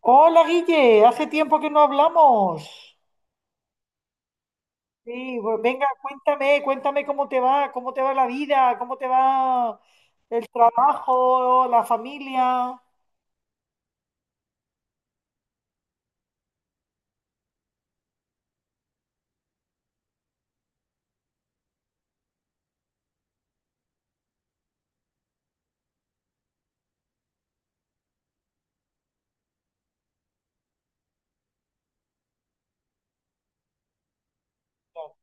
Hola Guille, hace tiempo que no hablamos. Sí, pues venga, cuéntame, cómo te va la vida, cómo te va el trabajo, la familia. Claro,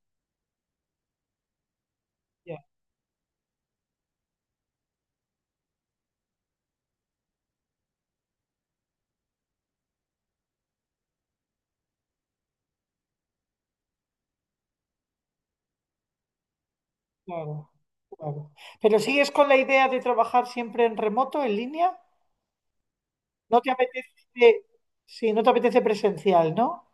ya, claro, claro. Pero sigues con la idea de trabajar siempre en remoto, en línea. No te apetece, sí, no te apetece presencial, ¿no?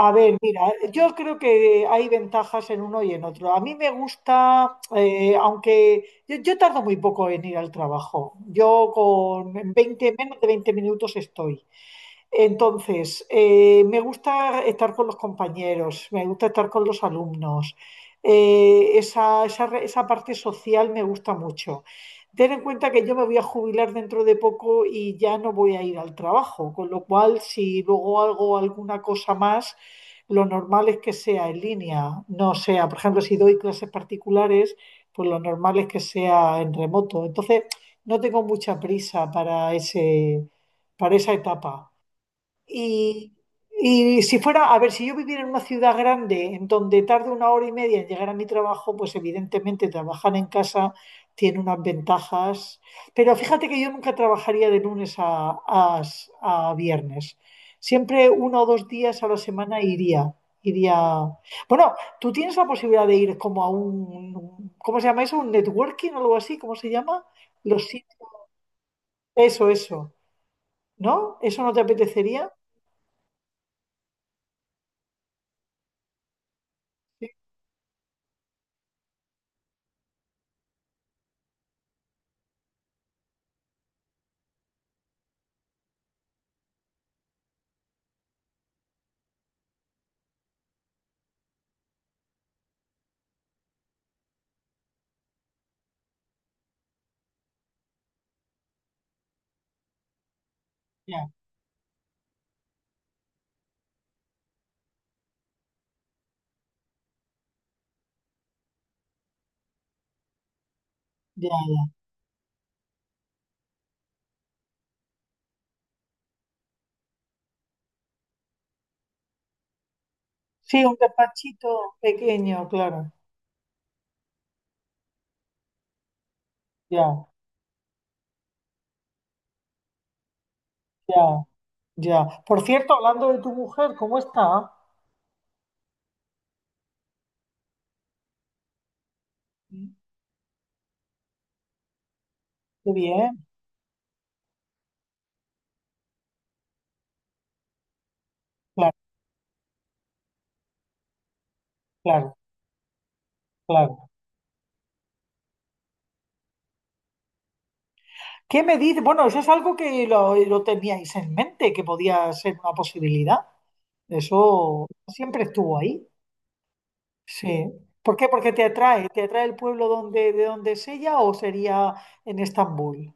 A ver, mira, yo creo que hay ventajas en uno y en otro. A mí me gusta, aunque yo tardo muy poco en ir al trabajo. Yo con en 20, menos de 20 minutos estoy. Entonces, me gusta estar con los compañeros, me gusta estar con los alumnos. Esa esa parte social me gusta mucho. Ten en cuenta que yo me voy a jubilar dentro de poco y ya no voy a ir al trabajo, con lo cual si luego hago alguna cosa más, lo normal es que sea en línea, no sea, por ejemplo, si doy clases particulares, pues lo normal es que sea en remoto. Entonces, no tengo mucha prisa para para esa etapa. Y, y si fuera, a ver, si yo viviera en una ciudad grande en donde tarde una hora y media en llegar a mi trabajo, pues evidentemente trabajar en casa tiene unas ventajas. Pero fíjate que yo nunca trabajaría de a viernes. Siempre uno o dos días a la semana iría. Iría. Bueno, tú tienes la posibilidad de ir como a un, ¿cómo se llama eso? ¿Un networking o algo así? ¿Cómo se llama? Los sit- Eso, eso. ¿No? ¿Eso no te apetecería? Sí, ya, ya. Sí, un despachito pequeño, claro. Ya, ya, ya. Por cierto, hablando de tu mujer, ¿cómo está? Qué bien, claro, claro, claro. ¿Qué me dices? Bueno, eso es algo que lo teníais en mente, que podía ser una posibilidad. Eso siempre estuvo ahí. Sí. ¿Por qué? Porque te atrae el pueblo de donde es ella o sería en Estambul.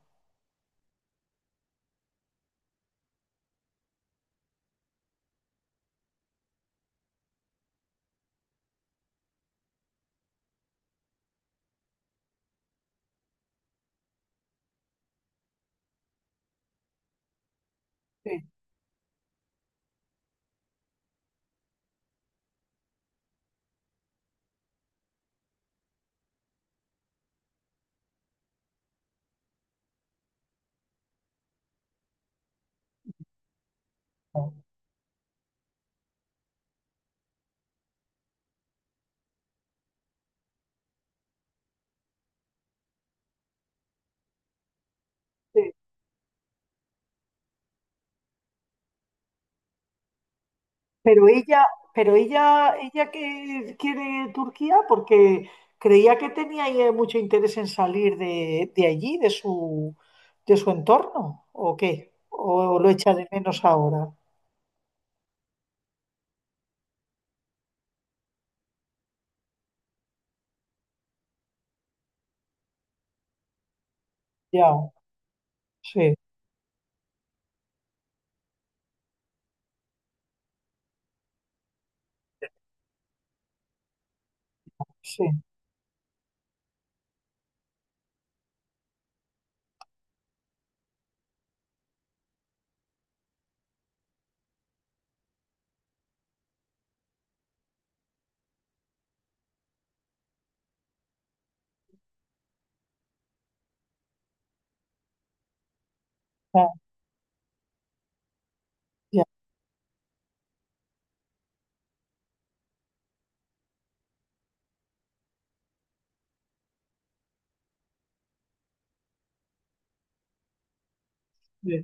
Sí, Sí. Pero ella, pero ella que quiere Turquía porque creía que tenía ella mucho interés en salir de allí, de su entorno, ¿o qué? ¿O, lo echa de menos ahora? Ya, sí, sí, ya, ya, sí.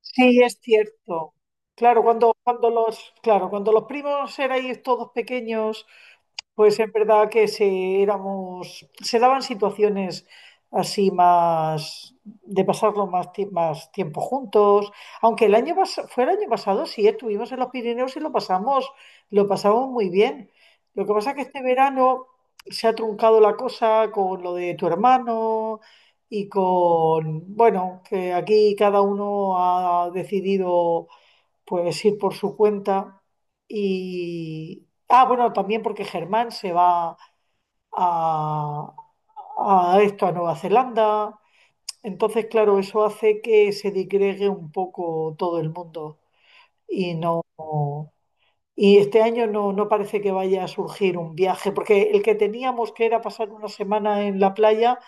Sí, es cierto. Claro, cuando los, claro, cuando los primos erais todos pequeños. Pues en verdad que se éramos, se daban situaciones así más de pasarlo más tiempo juntos. Aunque fue el año pasado, sí, estuvimos en los Pirineos y lo pasamos muy bien. Lo que pasa es que este verano se ha truncado la cosa con lo de tu hermano y con, bueno, que aquí cada uno ha decidido pues ir por su cuenta y... Ah, bueno, también porque Germán se va a, a esto, a Nueva Zelanda. Entonces, claro, eso hace que se digregue un poco todo el mundo y... no... Y este año no parece que vaya a surgir un viaje, porque el que teníamos que era pasar una semana en la playa,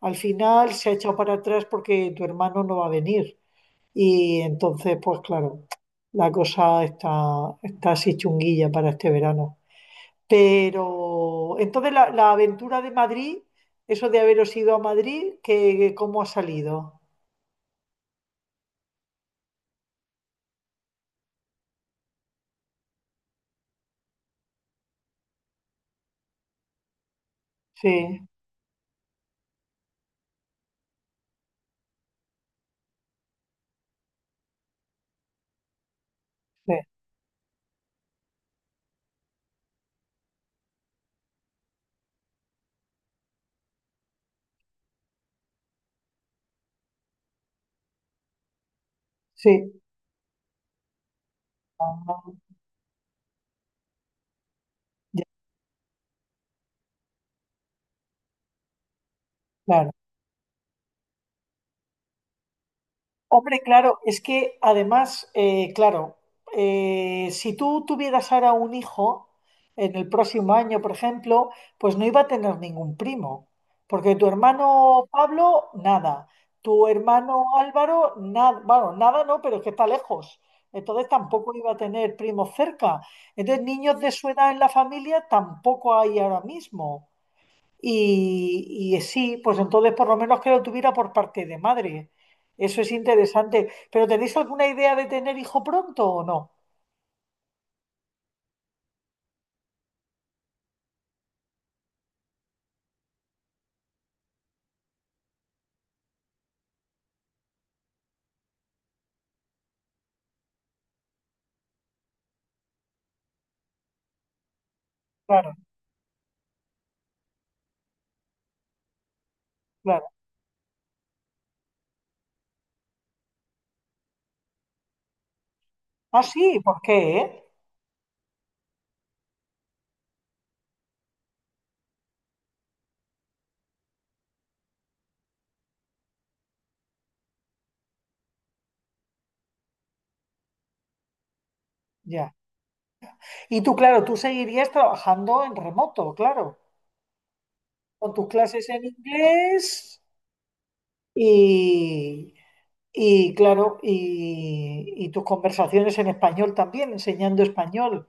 al final se ha echado para atrás porque tu hermano no va a venir. Y entonces, pues claro, la cosa está, está así chunguilla para este verano. Pero entonces la aventura de Madrid, eso de haberos ido a Madrid, que, ¿cómo ha salido? Sí, sí, sí. Ah, ya, claro. Hombre, claro, es que además, claro, si tú tuvieras ahora un hijo en el próximo año, por ejemplo, pues no iba a tener ningún primo, porque tu hermano Pablo, nada, tu hermano Álvaro, nada, bueno, nada no, pero es que está lejos, entonces tampoco iba a tener primos cerca, entonces niños de su edad en la familia tampoco hay ahora mismo. Y sí, pues entonces por lo menos que lo tuviera por parte de madre. Eso es interesante. ¿Pero tenéis alguna idea de tener hijo pronto o no? Claro, claro. Ah, sí, ¿por qué, eh? Ya. Y tú, claro, tú seguirías trabajando en remoto, claro, con tus clases en inglés y, y claro, y tus conversaciones en español también, enseñando español.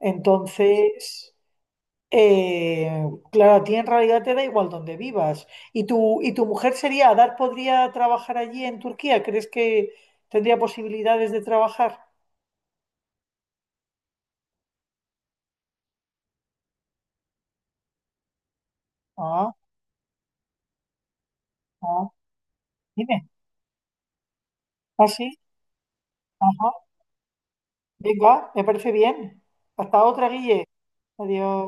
Entonces, Eh, claro, a ti en realidad te da igual donde vivas. ¿Y y tu mujer sería, Adar podría trabajar allí en Turquía? ¿Crees que tendría posibilidades de trabajar? Ah, ah, dime. ¿Ah, sí? Ajá. Venga, me parece bien. Hasta otra, Guille. Adiós.